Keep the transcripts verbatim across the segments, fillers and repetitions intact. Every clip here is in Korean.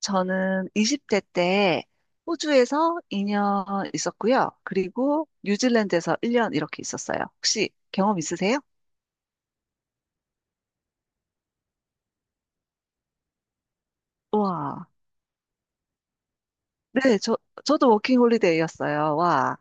저는 이십 대 때 호주에서 이 년 있었고요. 그리고 뉴질랜드에서 일 년 이렇게 있었어요. 혹시 경험 있으세요? 와. 네, 저, 저도 워킹 홀리데이였어요. 와.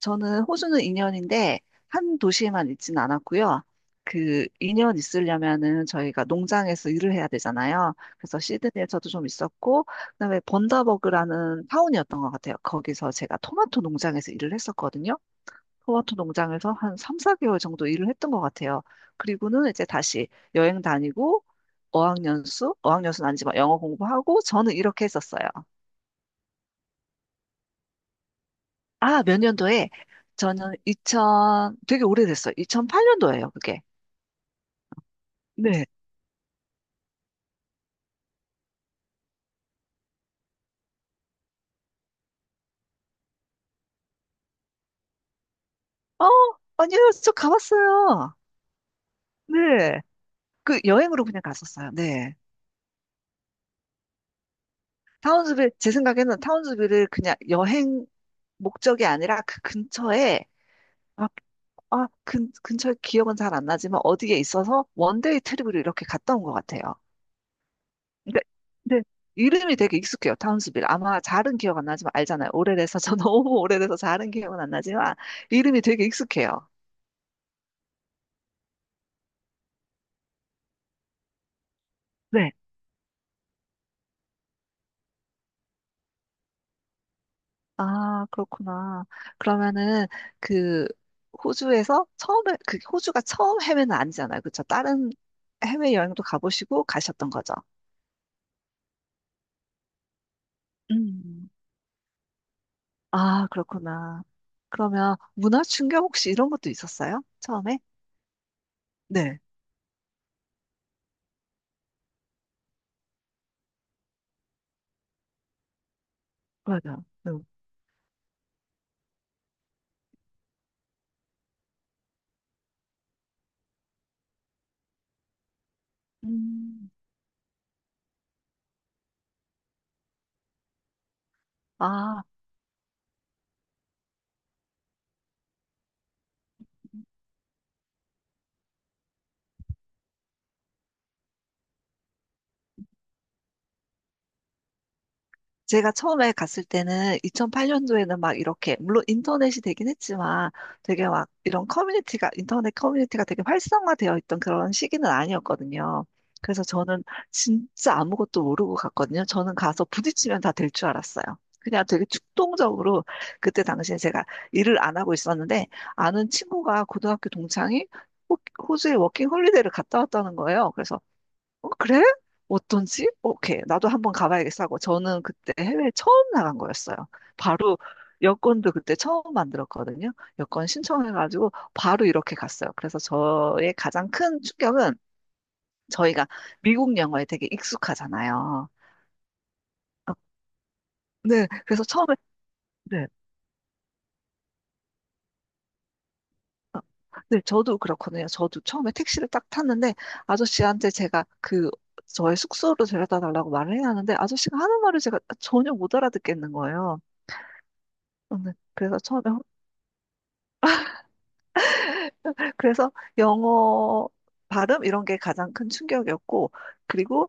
저는 호주는 이 년인데 한 도시에만 있지는 않았고요. 그 이 년 있으려면은 저희가 농장에서 일을 해야 되잖아요. 그래서 시드니에서도 좀 있었고, 그다음에 번다버그라는 타운이었던 것 같아요. 거기서 제가 토마토 농장에서 일을 했었거든요. 토마토 농장에서 한 삼, 사 개월 정도 일을 했던 것 같아요. 그리고는 이제 다시 여행 다니고 어학연수, 어학연수는 아니지만 영어 공부하고 저는 이렇게 했었어요. 아, 몇 년도에? 저는 이천, 되게 오래됐어요. 이천팔 년도예요, 그게. 네. 어, 아니요, 저 가봤어요. 네. 그 여행으로 그냥 갔었어요. 네. 타운스빌, 제 생각에는 타운스빌을 그냥 여행 목적이 아니라 그 근처에. 아, 근, 근처 기억은 잘 안 나지만 어디에 있어서 원데이 트립으로 이렇게 갔다 온 것 같아요. 근데, 근데 이름이 되게 익숙해요. 타운스빌. 아마 잘은 기억 안 나지만 알잖아요. 오래돼서 저 너무 오래돼서 잘은 기억은 안 나지만 이름이 되게 익숙해요. 네. 아, 그렇구나. 그러면은 그 호주에서 처음에 그 호주가 처음 해외는 아니잖아요. 그렇죠? 다른 해외 여행도 가보시고 가셨던 거죠. 음. 아, 그렇구나. 그러면 문화 충격 혹시 이런 것도 있었어요? 처음에? 네, 맞아요. 네. 음, 아, 제가 처음에 갔을 때는 이천팔 년도에는 막 이렇게, 물론 인터넷이 되긴 했지만 되게 막 이런 커뮤니티가, 인터넷 커뮤니티가 되게 활성화되어 있던 그런 시기는 아니었거든요. 그래서 저는 진짜 아무것도 모르고 갔거든요. 저는 가서 부딪히면 다 될 줄 알았어요. 그냥 되게 충동적으로 그때 당시에 제가 일을 안 하고 있었는데 아는 친구가 고등학교 동창이 호- 호주에 워킹 홀리데이를 갔다 왔다는 거예요. 그래서 어, 그래? 어떤지? 오케이. 나도 한번 가봐야겠어 하고 저는 그때 해외에 처음 나간 거였어요. 바로 여권도 그때 처음 만들었거든요. 여권 신청해가지고 바로 이렇게 갔어요. 그래서 저의 가장 큰 충격은 저희가 미국 영어에 되게 익숙하잖아요. 어, 네. 그래서 처음에, 네. 어, 네, 저도 그렇거든요. 저도 처음에 택시를 딱 탔는데 아저씨한테 제가 그 저의 숙소로 데려다 달라고 말을 해야 하는데 아저씨가 하는 말을 제가 전혀 못 알아듣겠는 거예요. 저는 그래서 처음에 그래서 영어 발음 이런 게 가장 큰 충격이었고, 그리고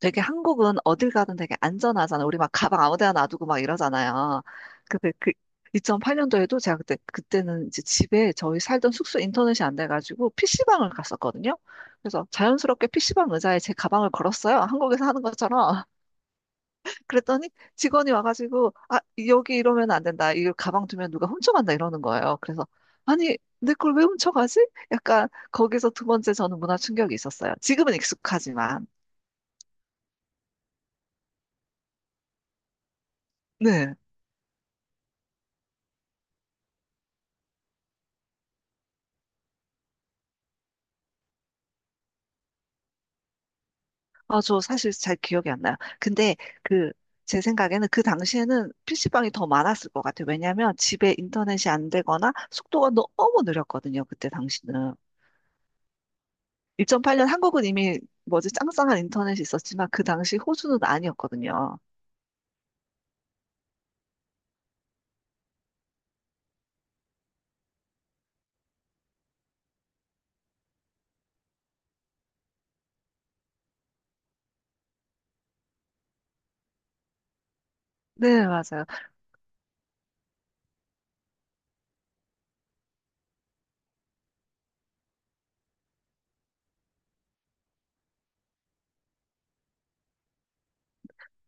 되게 한국은 어딜 가든 되게 안전하잖아요. 우리 막 가방 아무 데나 놔두고 막 이러잖아요. 근데 그 이천팔 년도에도 제가 그때 그때는 이제 집에 저희 살던 숙소 인터넷이 안 돼가지고 피시방을 갔었거든요. 그래서 자연스럽게 피시방 의자에 제 가방을 걸었어요. 한국에서 하는 것처럼. 그랬더니 직원이 와가지고, 아, 여기 이러면 안 된다. 이걸 가방 두면 누가 훔쳐간다. 이러는 거예요. 그래서 아니, 내 걸 왜 훔쳐가지? 약간 거기서 두 번째 저는 문화 충격이 있었어요. 지금은 익숙하지만. 네. 아, 저 사실 잘 기억이 안 나요. 근데 그, 제 생각에는 그 당시에는 피시방이 더 많았을 것 같아요. 왜냐하면 집에 인터넷이 안 되거나 속도가 너무 느렸거든요. 그때 당시는. 이천팔 년 한국은 이미 뭐지 짱짱한 인터넷이 있었지만 그 당시 호주는 아니었거든요. 네, 맞아요.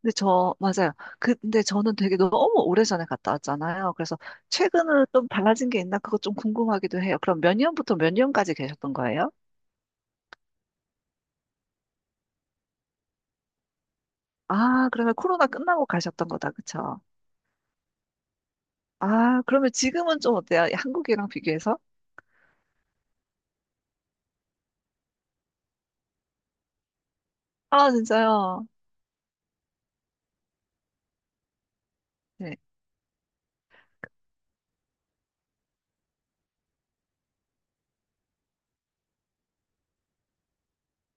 근데 저, 맞아요. 근데 저는 되게 너무 오래전에 갔다 왔잖아요. 그래서 최근으로 좀 달라진 게 있나? 그거 좀 궁금하기도 해요. 그럼 몇 년부터 몇 년까지 계셨던 거예요? 아, 그러면 코로나 끝나고 가셨던 거다. 그쵸? 아, 그러면 지금은 좀 어때요? 한국이랑 비교해서? 아, 진짜요? 네,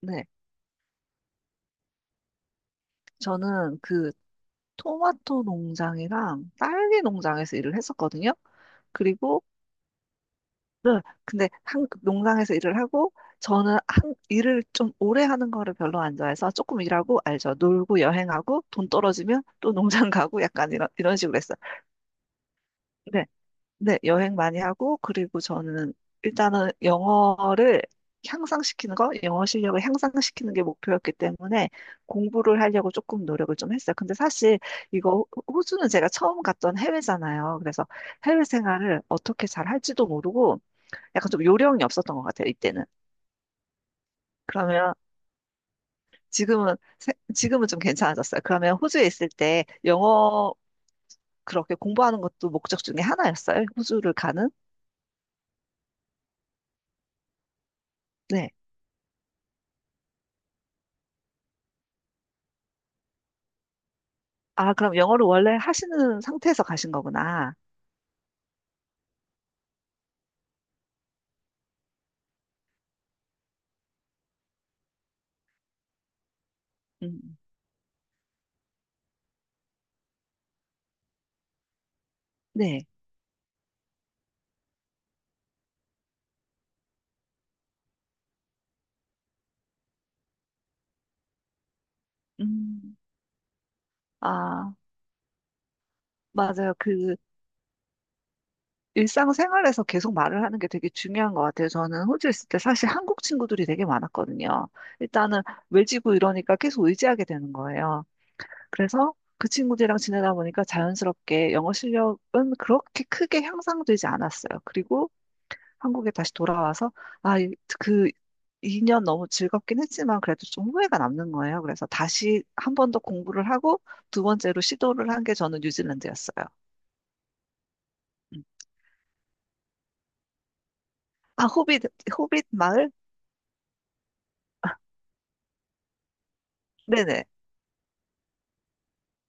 네. 저는 그 토마토 농장이랑 딸기 농장에서 일을 했었거든요. 그리고 네, 근데 한 농장에서 일을 하고 저는 한 일을 좀 오래 하는 거를 별로 안 좋아해서 조금 일하고 알죠. 놀고 여행하고 돈 떨어지면 또 농장 가고 약간 이런 이런 식으로 했어요. 네, 네, 여행 많이 하고 그리고 저는 일단은 영어를 향상시키는 거, 영어 실력을 향상시키는 게 목표였기 때문에 공부를 하려고 조금 노력을 좀 했어요. 근데 사실 이거 호- 호주는 제가 처음 갔던 해외잖아요. 그래서 해외 생활을 어떻게 잘 할지도 모르고 약간 좀 요령이 없었던 것 같아요, 이때는. 그러면 지금은, 세- 지금은 좀 괜찮아졌어요. 그러면 호주에 있을 때 영어 그렇게 공부하는 것도 목적 중에 하나였어요? 호주를 가는? 네. 아, 그럼 영어를 원래 하시는 상태에서 가신 거구나. 음, 네. 음, 아, 맞아요. 그 일상생활에서 계속 말을 하는 게 되게 중요한 것 같아요. 저는 호주에 있을 때 사실 한국 친구들이 되게 많았거든요. 일단은 외지고 이러니까 계속 의지하게 되는 거예요. 그래서 그 친구들이랑 지내다 보니까 자연스럽게 영어 실력은 그렇게 크게 향상되지 않았어요. 그리고 한국에 다시 돌아와서, 아, 이- 그 이 년 너무 즐겁긴 했지만 그래도 좀 후회가 남는 거예요. 그래서 다시 한 번 더 공부를 하고 두 번째로 시도를 한 게 저는 뉴질랜드였어요. 음. 아, 호빗, 호빗 마을? 네네.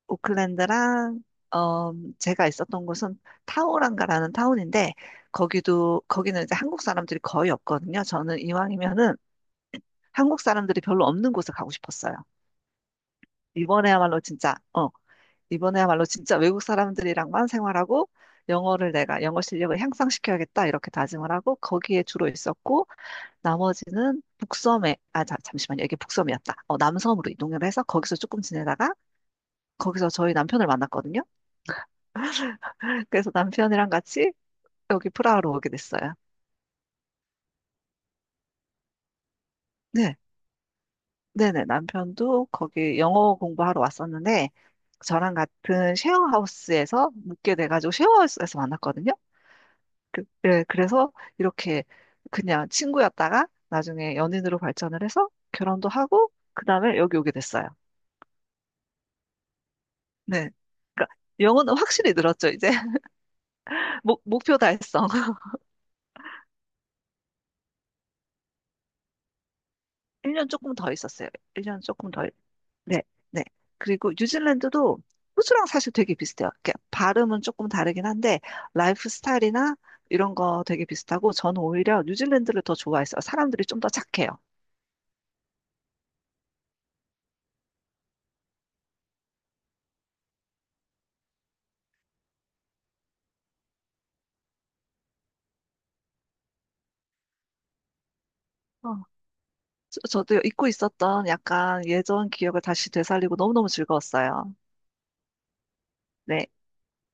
오클랜드랑, 어, 제가 있었던 곳은 타우랑가라는 타운인데, 거기도, 거기는 이제 한국 사람들이 거의 없거든요. 저는 이왕이면은 한국 사람들이 별로 없는 곳을 가고 싶었어요. 이번에야말로 진짜, 어, 이번에야말로 진짜 외국 사람들이랑만 생활하고 영어를 내가 영어 실력을 향상시켜야겠다 이렇게 다짐을 하고 거기에 주로 있었고, 나머지는 북섬에, 아, 자, 잠시만요. 이게 북섬이었다. 어, 남섬으로 이동을 해서 거기서 조금 지내다가 거기서 저희 남편을 만났거든요. 그래서 남편이랑 같이 여기 프라하로 오게 됐어요. 네. 네네, 남편도 거기 영어 공부하러 왔었는데, 저랑 같은 쉐어하우스에서 묵게 돼가지고 쉐어하우스에서 만났거든요. 그, 예, 그래서 이렇게 그냥 친구였다가 나중에 연인으로 발전을 해서 결혼도 하고, 그 다음에 여기 오게 됐어요. 네. 그러니까 영어는 확실히 늘었죠, 이제. 목, 목표 달성. 일 년 조금 더 있었어요. 일 년 조금 더. 네, 네. 그리고 뉴질랜드도 호주랑 사실 되게 비슷해요. 이렇게 발음은 조금 다르긴 한데 라이프 스타일이나 이런 거 되게 비슷하고 저는 오히려 뉴질랜드를 더 좋아했어요. 사람들이 좀 더 착해요. 어, 저, 저도 잊고 있었던 약간 예전 기억을 다시 되살리고 너무너무 즐거웠어요. 네.